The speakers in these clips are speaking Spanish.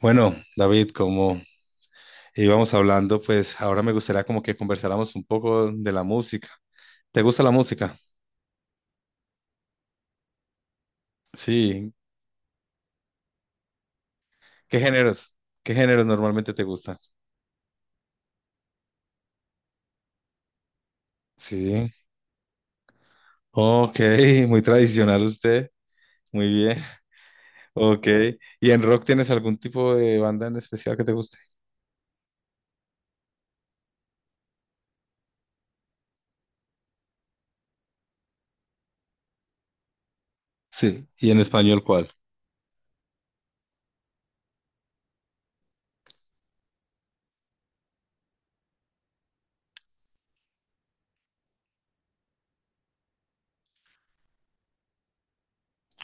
Bueno, David, como íbamos hablando, pues ahora me gustaría como que conversáramos un poco de la música. ¿Te gusta la música? Sí. ¿Qué géneros? ¿Qué géneros normalmente te gusta? Sí. Ok, muy tradicional usted. Muy bien. Ok. ¿Y en rock tienes algún tipo de banda en especial que te guste? Sí. ¿Y en español cuál?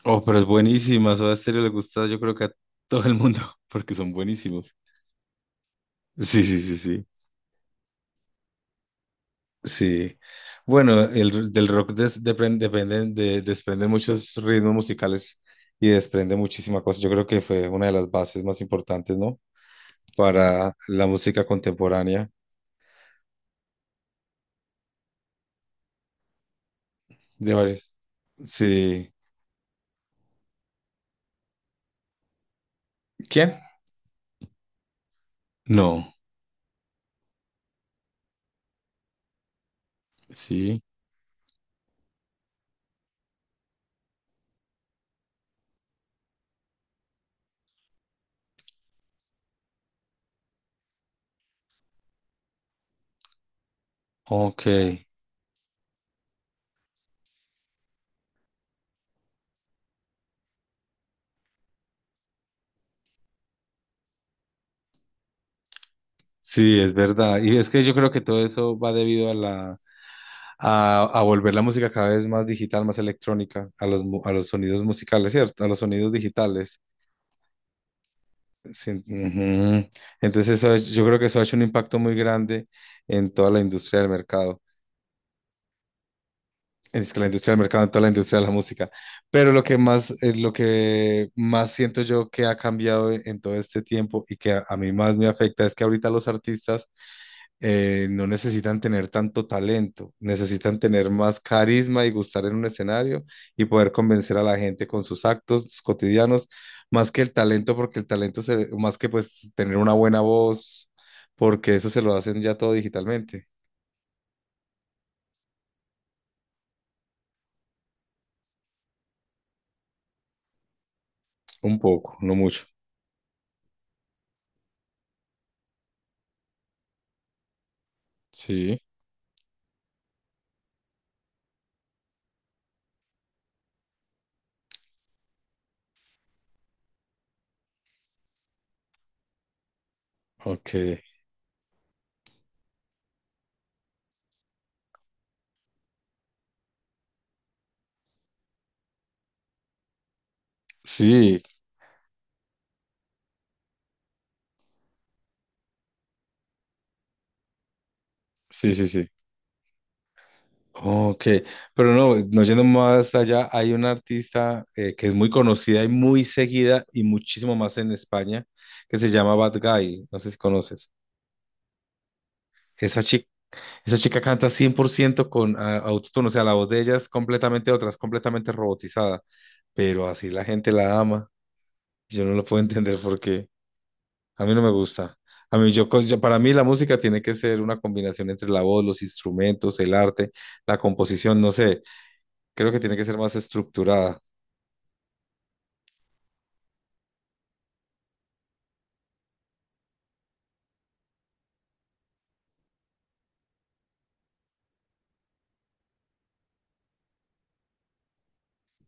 Oh, pero es buenísima. Soda Stereo le gusta, yo creo que a todo el mundo, porque son buenísimos. Sí, sí, sí, sí. Sí. Bueno, del rock desprende muchos ritmos musicales y desprende muchísima cosa. Yo creo que fue una de las bases más importantes, ¿no? Para la música contemporánea de varios. Sí. ¿Quién? No. Sí. Ok. Sí, es verdad. Y es que yo creo que todo eso va debido a volver la música cada vez más digital, más electrónica, a a los sonidos musicales, ¿cierto? A los sonidos digitales. Sí, ujú. Entonces eso, yo creo que eso ha hecho un impacto muy grande en toda la industria del mercado, en es que la industria del mercado, en toda la industria de la música. Pero lo que más siento yo que ha cambiado en todo este tiempo y que a mí más me afecta es que ahorita los artistas no necesitan tener tanto talento, necesitan tener más carisma y gustar en un escenario y poder convencer a la gente con sus actos cotidianos, más que el talento, porque el talento se, más que pues tener una buena voz, porque eso se lo hacen ya todo digitalmente, un poco, no mucho. Sí, ok. Sí, sí, sí, sí. Ok, pero no, no yendo más allá, hay una artista que es muy conocida y muy seguida y muchísimo más en España, que se llama Bad Guy, no sé si conoces. Esa chica, esa chica canta 100% con autotune, o sea, la voz de ella es completamente otra, es completamente robotizada, pero así la gente la ama. Yo no lo puedo entender porque a mí no me gusta. A mí, para mí la música tiene que ser una combinación entre la voz, los instrumentos, el arte, la composición, no sé creo que tiene que ser más estructurada.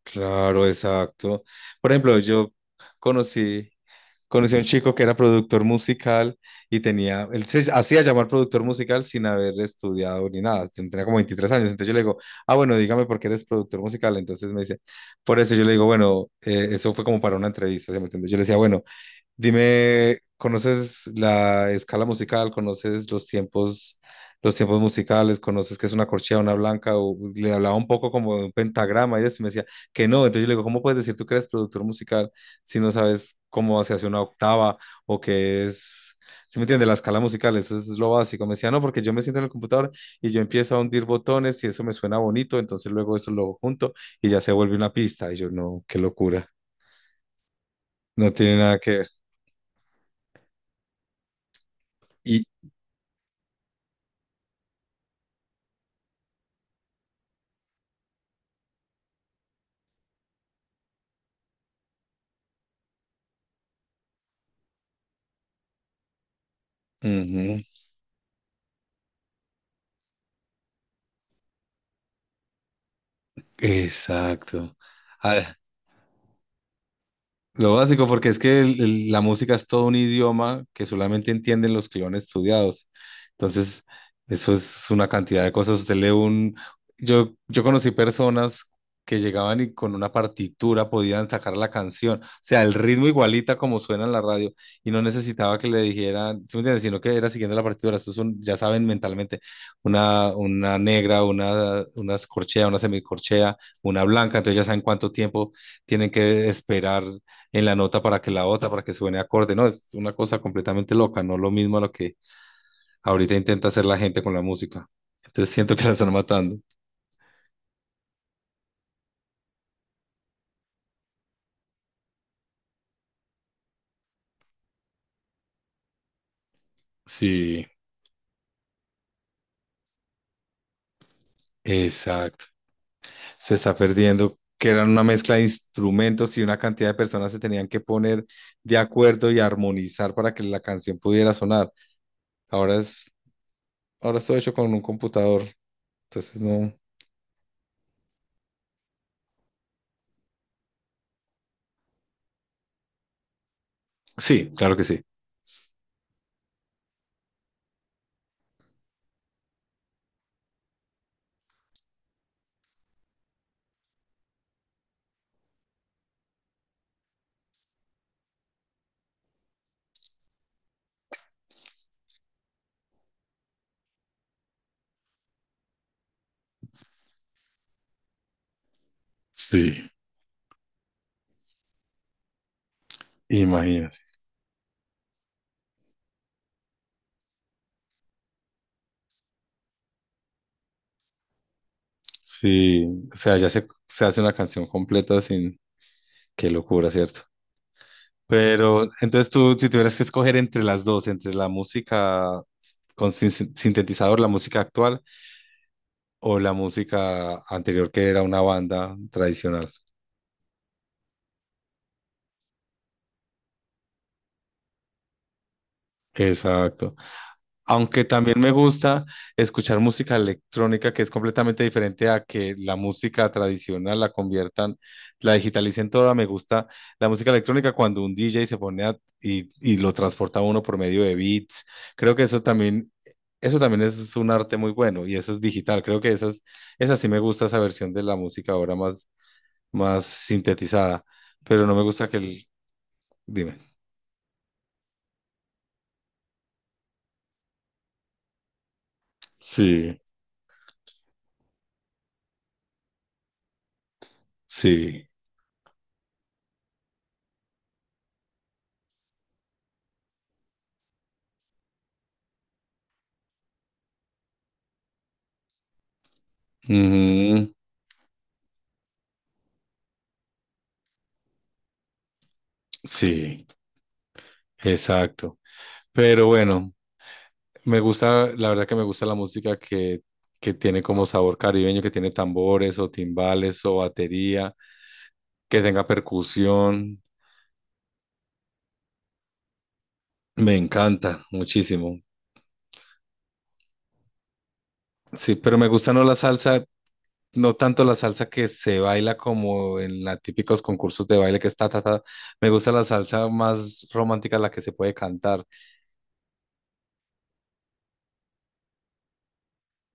Claro, exacto. Por ejemplo, conocí, conocí a un chico que era productor musical y tenía, él se hacía llamar productor musical sin haber estudiado ni nada, tenía como 23 años. Entonces yo le digo, ah, bueno, dígame por qué eres productor musical. Entonces me dice, por eso yo le digo, bueno, eso fue como para una entrevista, ¿se me entiende? Yo le decía, bueno, dime, ¿conoces la escala musical? ¿Conoces los tiempos musicales? ¿Conoces qué es una corchea, una blanca? O le hablaba un poco como de un pentagrama y eso, y me decía que no. Entonces yo le digo, ¿cómo puedes decir tú que eres productor musical si no sabes cómo se hace una octava o qué es, ¿sí me entiendes? La escala musical, eso es lo básico. Me decía, no, porque yo me siento en el computador y yo empiezo a hundir botones y eso me suena bonito, entonces luego eso lo junto y ya se vuelve una pista. Y yo, no, qué locura, no tiene nada que ver. Y, ujú. Exacto. A lo básico, porque es que la música es todo un idioma que solamente entienden los que lo han estudiado. Entonces, eso es una cantidad de cosas. Usted lee un... Yo conocí personas que llegaban y con una partitura podían sacar la canción. O sea, el ritmo igualita como suena en la radio. Y no necesitaba que le dijeran, ¿sí me entiendes? Sino que era siguiendo la partitura. Eso es un- ya saben mentalmente, una negra, una corchea, una semicorchea, una blanca. Entonces ya saben cuánto tiempo tienen que esperar en la nota para que la otra, para que suene acorde, no, es una cosa completamente loca, no lo mismo a lo que ahorita intenta hacer la gente con la música. Entonces siento que la están matando. Sí, exacto. Se está perdiendo, que eran una mezcla de instrumentos y una cantidad de personas se tenían que poner de acuerdo y armonizar para que la canción pudiera sonar. Ahora es, ahora es todo hecho con un computador. Entonces no. Sí, claro que sí. Sí, imagínate. Sí, o sea, ya se hace una canción completa sin, qué locura, ¿cierto? Pero entonces tú, si tuvieras que escoger entre las dos, entre la música con sintetizador, la música actual o la música anterior que era una banda tradicional. Exacto. Aunque también me gusta escuchar música electrónica que es completamente diferente a que la música tradicional la conviertan, la digitalicen toda. Me gusta la música electrónica cuando un DJ se pone y lo transporta a uno por medio de beats. Creo que eso también es un arte muy bueno y eso es digital. Creo que esas, esa sí me gusta esa versión de la música ahora más, más sintetizada, pero no me gusta que el, dime. Sí, sí. Ujú, sí, exacto. Pero bueno, me gusta, la verdad que me gusta la música que tiene como sabor caribeño, que tiene tambores o timbales o batería, que tenga percusión. Me encanta muchísimo. Sí, pero me gusta no la salsa, no tanto la salsa que se baila como en los típicos concursos de baile que está, ta, ta. Me gusta la salsa más romántica, la que se puede cantar.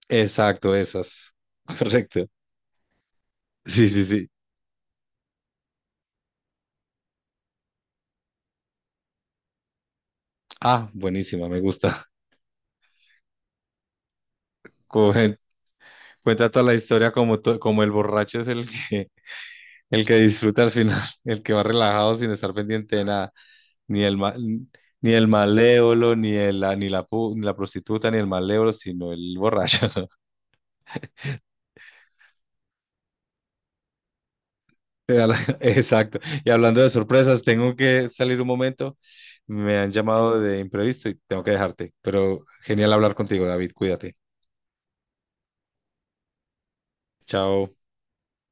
Exacto, esas. Correcto. Sí, sí, sí. Ah, buenísima, me gusta. Como cuenta toda la historia como, como el borracho es el que disfruta al final, el que va relajado sin estar pendiente de nada, ni el, ma- ni el malévolo, ni, el, la- ni, la, pu- ni la prostituta, ni el malévolo, sino el borracho. Exacto. Y hablando de sorpresas, tengo que salir un momento. Me han llamado de imprevisto y tengo que dejarte. Pero genial hablar contigo, David. Cuídate. Chao.